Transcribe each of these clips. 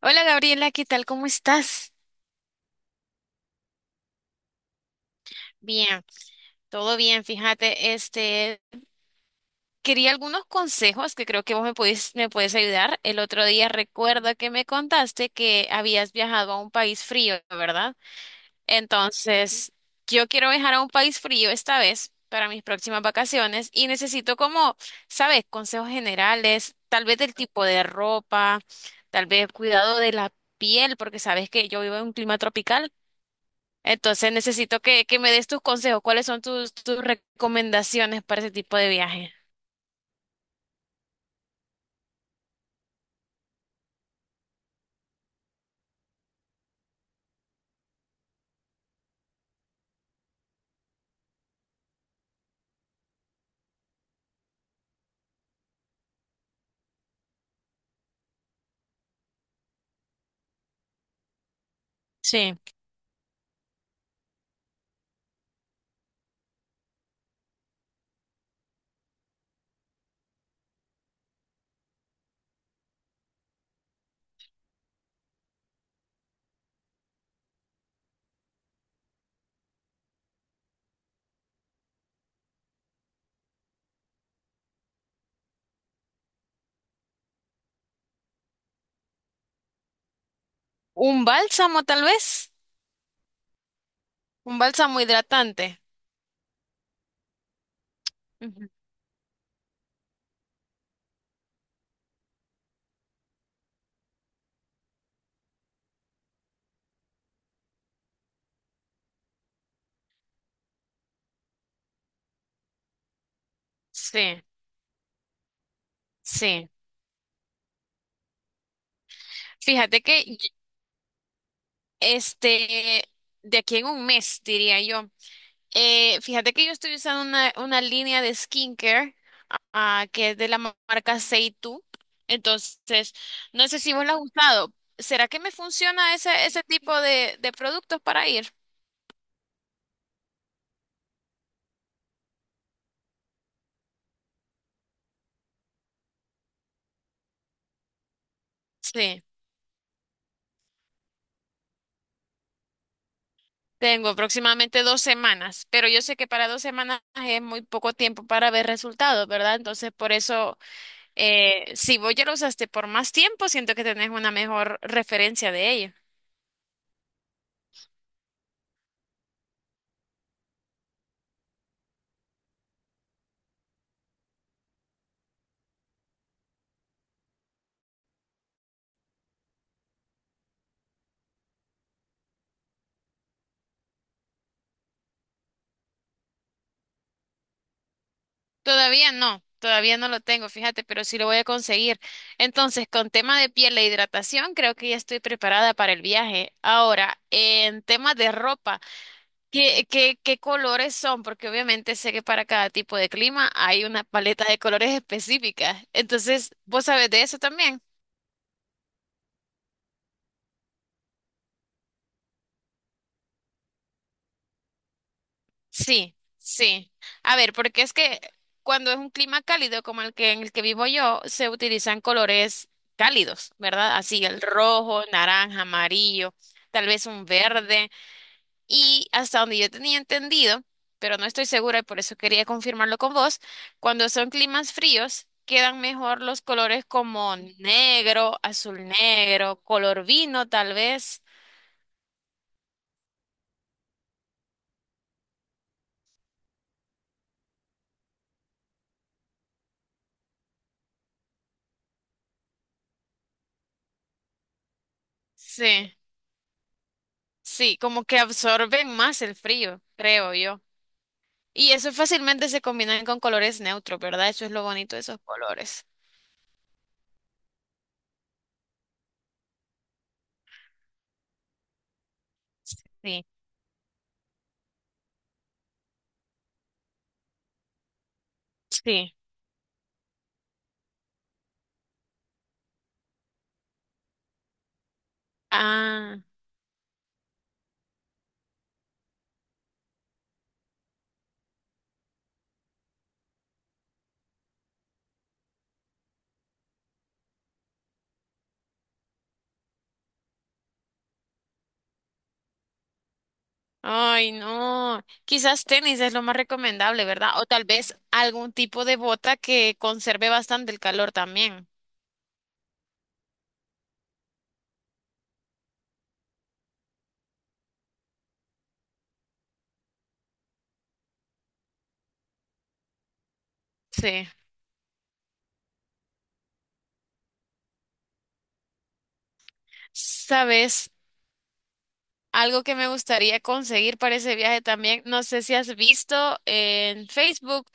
Hola Gabriela, ¿qué tal? ¿Cómo estás? Bien, todo bien, fíjate, quería algunos consejos que creo que vos me puedes ayudar. El otro día recuerdo que me contaste que habías viajado a un país frío, ¿verdad? Entonces, yo quiero viajar a un país frío esta vez para mis próximas vacaciones y necesito como, ¿sabes? Consejos generales, tal vez del tipo de ropa, tal vez cuidado de la piel, porque sabes que yo vivo en un clima tropical. Entonces necesito que me des tus consejos. ¿Cuáles son tus recomendaciones para ese tipo de viaje? Sí. ¿Un bálsamo tal vez? ¿Un bálsamo hidratante? Ujú. Sí, sí. Fíjate que este, de aquí en un mes, diría yo. Fíjate que yo estoy usando una línea de skincare, que es de la marca Seitu. Entonces, no sé si vos la has usado. ¿Será que me funciona ese tipo de productos para ir? Sí. Tengo aproximadamente 2 semanas, pero yo sé que para 2 semanas es muy poco tiempo para ver resultados, ¿verdad? Entonces, por eso, si vos ya lo usaste por más tiempo, siento que tenés una mejor referencia de ello. Todavía no lo tengo, fíjate, pero sí lo voy a conseguir. Entonces, con tema de piel e hidratación, creo que ya estoy preparada para el viaje. Ahora, en temas de ropa. ¿Qué colores son? Porque obviamente sé que para cada tipo de clima hay una paleta de colores específicas. Entonces, ¿vos sabés de eso también? Sí, sí. A ver, porque es que cuando es un clima cálido como el que en el que vivo yo, se utilizan colores cálidos, ¿verdad? Así el rojo, naranja, amarillo, tal vez un verde. Y hasta donde yo tenía entendido, pero no estoy segura y por eso quería confirmarlo con vos, cuando son climas fríos quedan mejor los colores como negro, azul negro, color vino tal vez. Sí, sí, como que absorben más el frío, creo yo. Y eso fácilmente se combinan con colores neutros, ¿verdad? Eso es lo bonito de esos colores. Sí, sí. Ah. Ay, no. Quizás tenis es lo más recomendable, ¿verdad? O tal vez algún tipo de bota que conserve bastante el calor también. Sí. ¿Sabes? Algo que me gustaría conseguir para ese viaje también, no sé si has visto en Facebook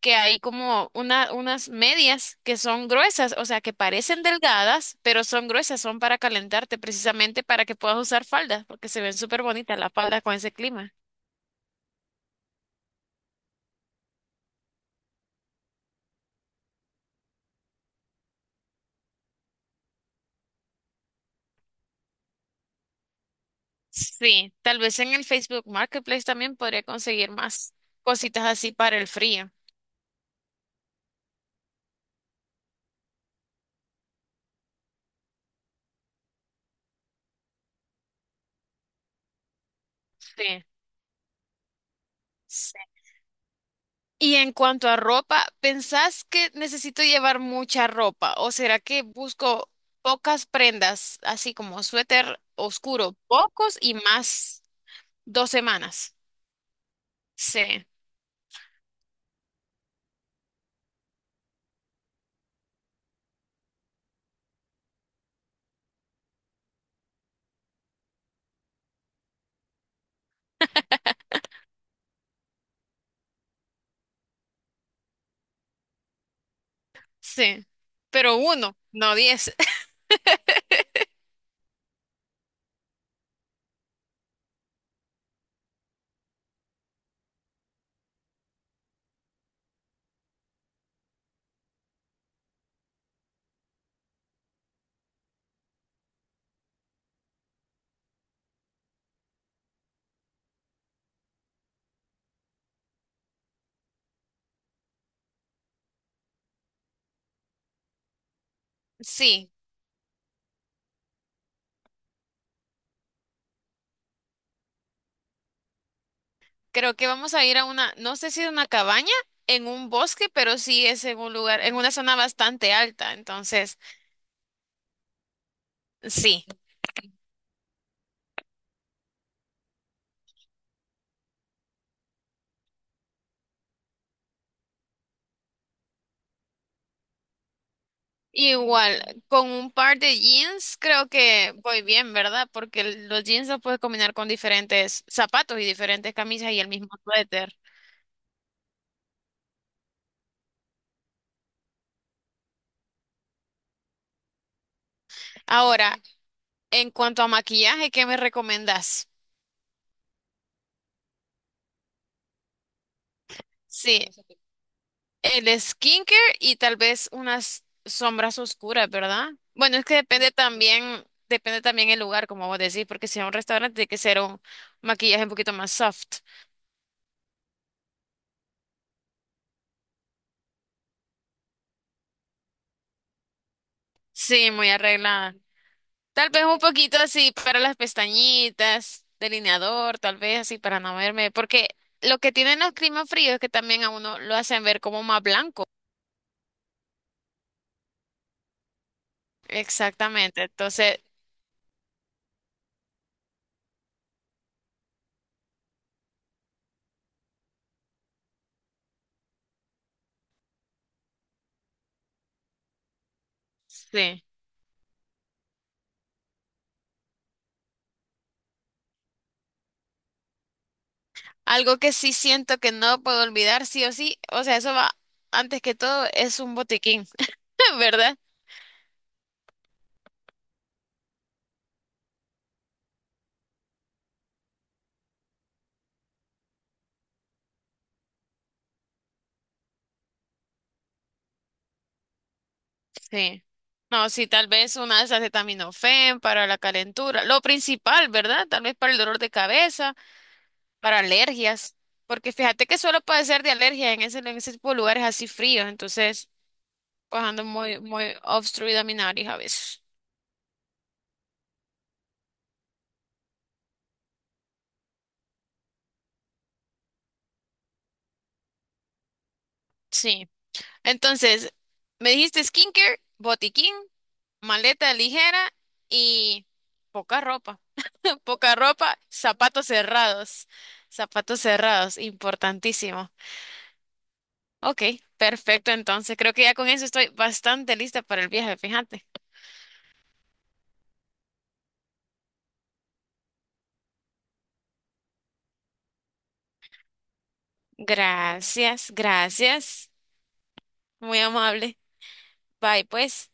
que hay como unas medias que son gruesas, o sea, que parecen delgadas, pero son gruesas, son para calentarte precisamente para que puedas usar falda, porque se ven súper bonitas las faldas con ese clima. Sí, tal vez en el Facebook Marketplace también podría conseguir más cositas así para el frío. Sí, sí. Y en cuanto a ropa, ¿pensás que necesito llevar mucha ropa o será que busco pocas prendas, así como suéter oscuro, pocos y más 2 semanas? Sí, sí. Pero uno, no 10. Sí, creo que vamos a ir a una, no sé si es una cabaña en un bosque, pero sí es en un lugar, en una zona bastante alta, entonces. Sí, igual, con un par de jeans creo que voy bien, ¿verdad? Porque los jeans los puedes combinar con diferentes zapatos y diferentes camisas y el mismo suéter. Ahora, en cuanto a maquillaje, ¿qué me recomendás? Sí, el skincare y tal vez unas sombras oscuras, ¿verdad? Bueno, es que depende también el lugar, como vos decís, porque si es un restaurante tiene que ser un maquillaje un poquito más soft. Sí, muy arreglada. Tal vez un poquito así para las pestañitas, delineador, tal vez así para no verme, porque lo que tienen los climas fríos es que también a uno lo hacen ver como más blanco. Exactamente, entonces, sí. Algo que sí siento que no puedo olvidar, sí o sí, o sea, eso va, antes que todo, es un botiquín, ¿verdad? Sí. No, sí, tal vez una de esas acetaminofén para la calentura, lo principal, ¿verdad? Tal vez para el dolor de cabeza. Para alergias, porque fíjate que suelo padecer de alergias en ese tipo de lugares así fríos, entonces pues ando muy, muy obstruida mi nariz a veces. Sí. Entonces, me dijiste skincare, botiquín, maleta ligera y poca ropa. Poca ropa, zapatos cerrados. Zapatos cerrados, importantísimo. Ok, perfecto. Entonces, creo que ya con eso estoy bastante lista para el viaje, fíjate. Gracias, gracias. Muy amable. Bye, pues.